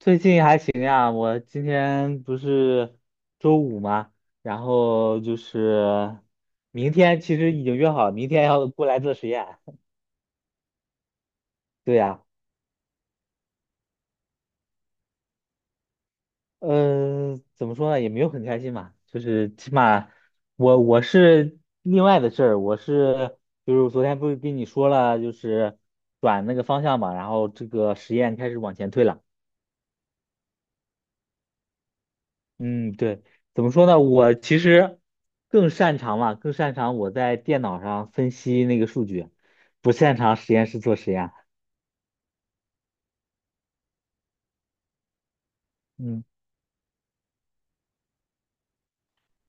最近还行呀，我今天不是周五嘛，然后就是明天其实已经约好了，明天要过来做实验。对呀，嗯，怎么说呢，也没有很开心嘛，就是起码我是另外的事儿，我是就是昨天不是跟你说了，就是转那个方向嘛，然后这个实验开始往前推了。嗯，对，怎么说呢？我其实更擅长嘛，更擅长我在电脑上分析那个数据，不擅长实验室做实验。嗯，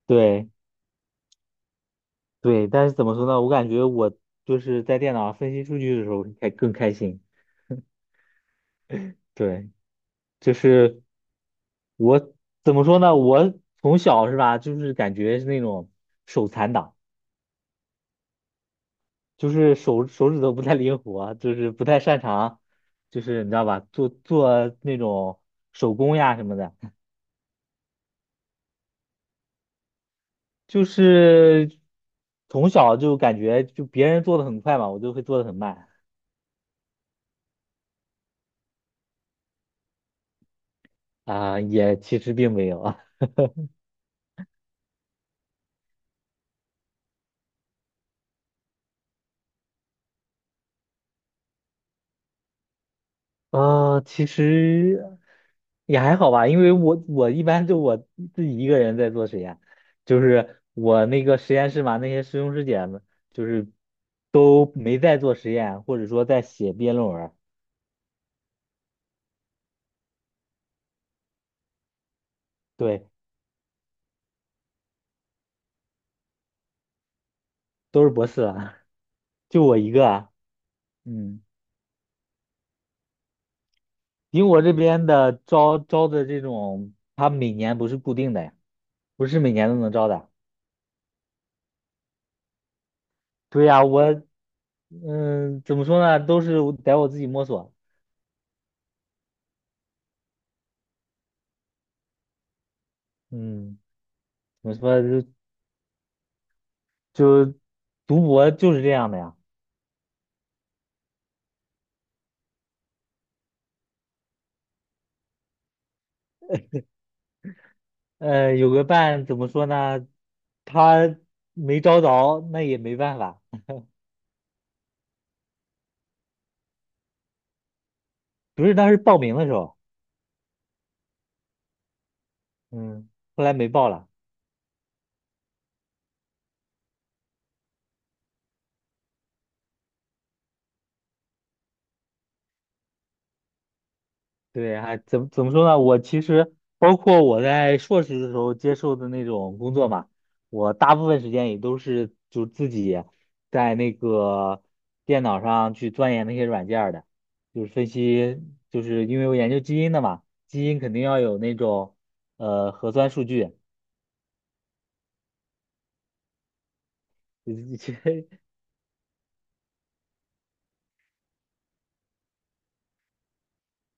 对对，但是怎么说呢？我感觉我就是在电脑上分析数据的时候还更开心。对，就是我怎么说呢？我从小是吧，就是感觉是那种手残党，就是手指头不太灵活，就是不太擅长，就是你知道吧，做做那种手工呀什么的。就是从小就感觉就别人做的很快嘛，我就会做的很慢啊，也其实并没有啊，其实也还好吧，因为我一般就我自己一个人在做实验，就是我那个实验室嘛，那些师兄师姐们就是都没在做实验，或者说在写毕业论文儿对，都是博士了，就我一个啊，嗯，因为我这边的招的这种，他每年不是固定的呀。不是每年都能招的。对呀，我嗯，怎么说呢，都是我得自己摸索。嗯，怎么说就读博就是这样的呀。有个伴怎么说呢，他没招着，那也没办法。不是当时报名的时候，嗯，后来没报了。对，还怎么说呢？我其实包括我在硕士的时候接受的那种工作嘛，我大部分时间也都是就自己在那个电脑上去钻研那些软件儿的，就是分析，就是因为我研究基因的嘛，基因肯定要有那种核酸数据，其实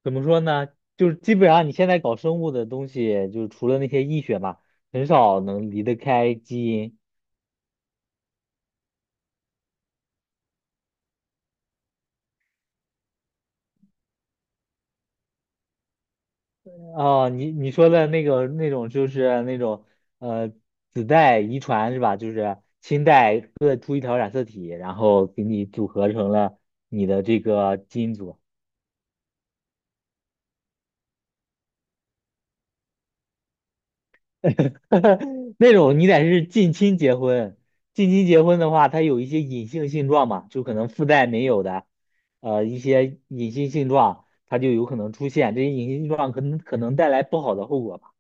怎么说呢？就是基本上你现在搞生物的东西，就是除了那些医学嘛，很少能离得开基因。哦，你说的那个那种就是那种呃子代遗传是吧？就是亲代各出一条染色体，然后给你组合成了你的这个基因组。那种你得是近亲结婚，近亲结婚的话，它有一些隐性性状嘛，就可能父代没有的，一些隐性性状，它就有可能出现，这些隐性性状可能带来不好的后果吧。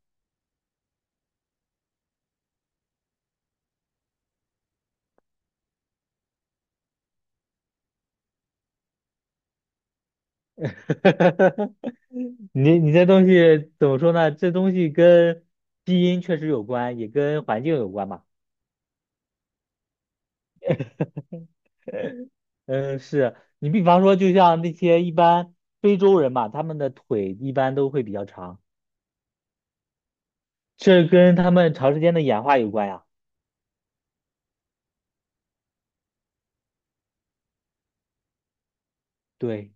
你这东西怎么说呢？这东西跟基因确实有关，也跟环境有关吧？嗯，是你比方说，就像那些一般非洲人嘛，他们的腿一般都会比较长，这跟他们长时间的演化有关呀。对。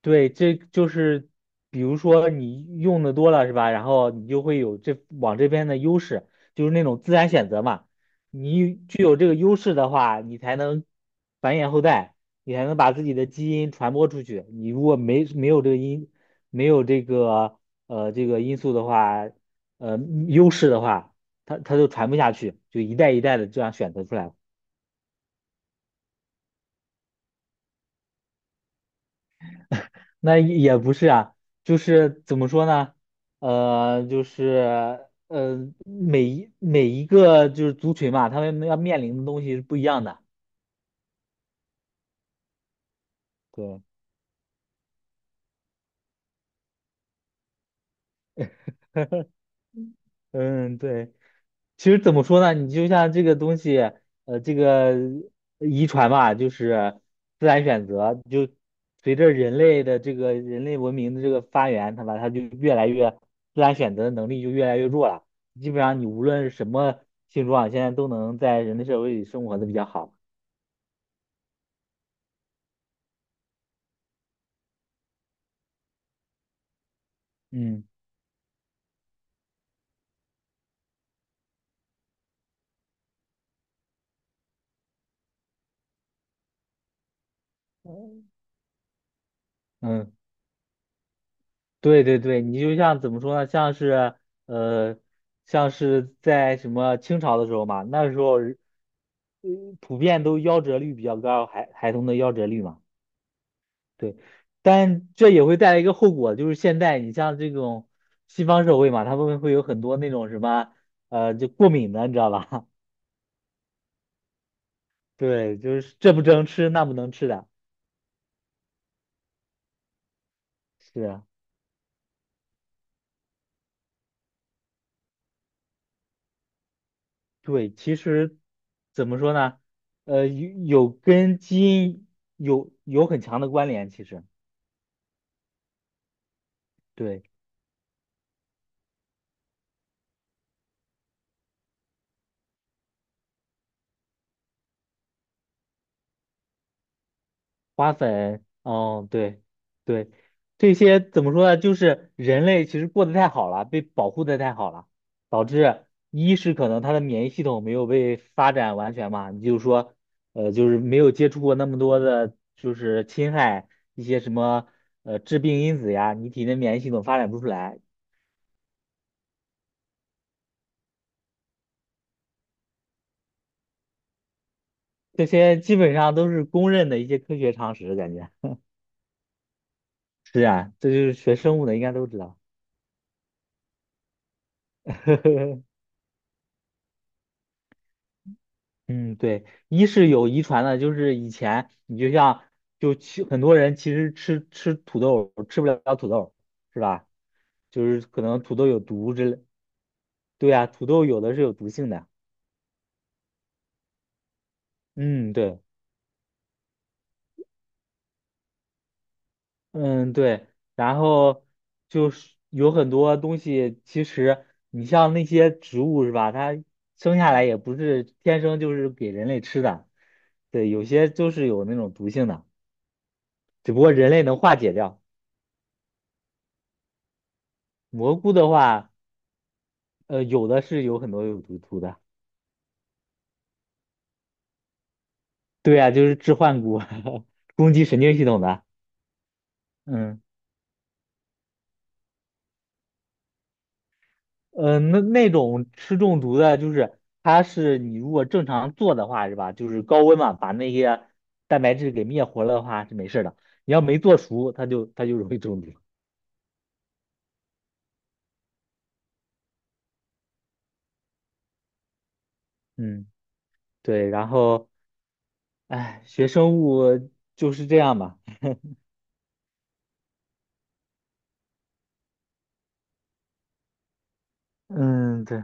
对，这就是比如说你用的多了是吧？然后你就会有这往这边的优势，就是那种自然选择嘛。你具有这个优势的话，你才能繁衍后代，你才能把自己的基因传播出去。你如果没有这个因，没有这个这个因素的话，呃优势的话，它就传不下去，就一代一代的这样选择出来了。那也不是啊，就是怎么说呢？呃，就是呃，每一个就是族群嘛，他们要面临的东西是不一样的。对，嗯，对。其实怎么说呢？你就像这个东西，这个遗传嘛，就是自然选择，就随着人类的这个人类文明的这个发源，它吧，它就越来越自然选择的能力就越来越弱了。基本上你无论是什么性状，现在都能在人类社会里生活的比较好。嗯嗯。对对对，你就像怎么说呢？像是呃，像是在什么清朝的时候嘛，那时候嗯普遍都夭折率比较高，孩童的夭折率嘛，对。但这也会带来一个后果，就是现在你像这种西方社会嘛，他们会有很多那种什么就过敏的，你知道吧？对，就是这不能吃，那不能吃的，是啊。对，其实怎么说呢？有跟基因有很强的关联。其实，对，花粉，哦，对，对，这些怎么说呢？就是人类其实过得太好了，被保护的太好了，导致一是可能他的免疫系统没有被发展完全嘛，你就是说，就是没有接触过那么多的，就是侵害一些什么致病因子呀，你体内免疫系统发展不出来。这些基本上都是公认的一些科学常识，感觉是啊，这就是学生物的应该都知道。嗯，对，一是有遗传的，就是以前你就像就其很多人其实吃土豆吃不了土豆，是吧？就是可能土豆有毒之类。对啊，土豆有的是有毒性的。嗯，对。嗯，对，然后就是有很多东西，其实你像那些植物是吧？它生下来也不是天生就是给人类吃的，对，有些就是有那种毒性的，只不过人类能化解掉。蘑菇的话，有的是有很多有毒的，对啊，就是致幻菇，攻击神经系统的，嗯。嗯，那那种吃中毒的，就是它是你如果正常做的话，是吧？就是高温嘛，把那些蛋白质给灭活了的话是没事儿的。你要没做熟，它就容易中毒。嗯，对。然后，哎，学生物就是这样吧。嗯，对，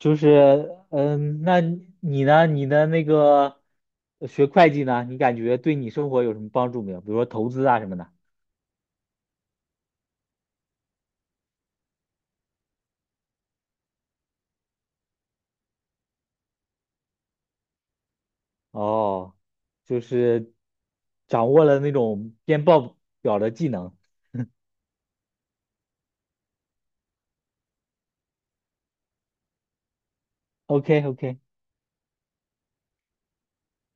就是嗯，那你呢？你的那个学会计呢？你感觉对你生活有什么帮助没有？比如说投资啊什么的。哦，就是掌握了那种编报表的技能。OK OK，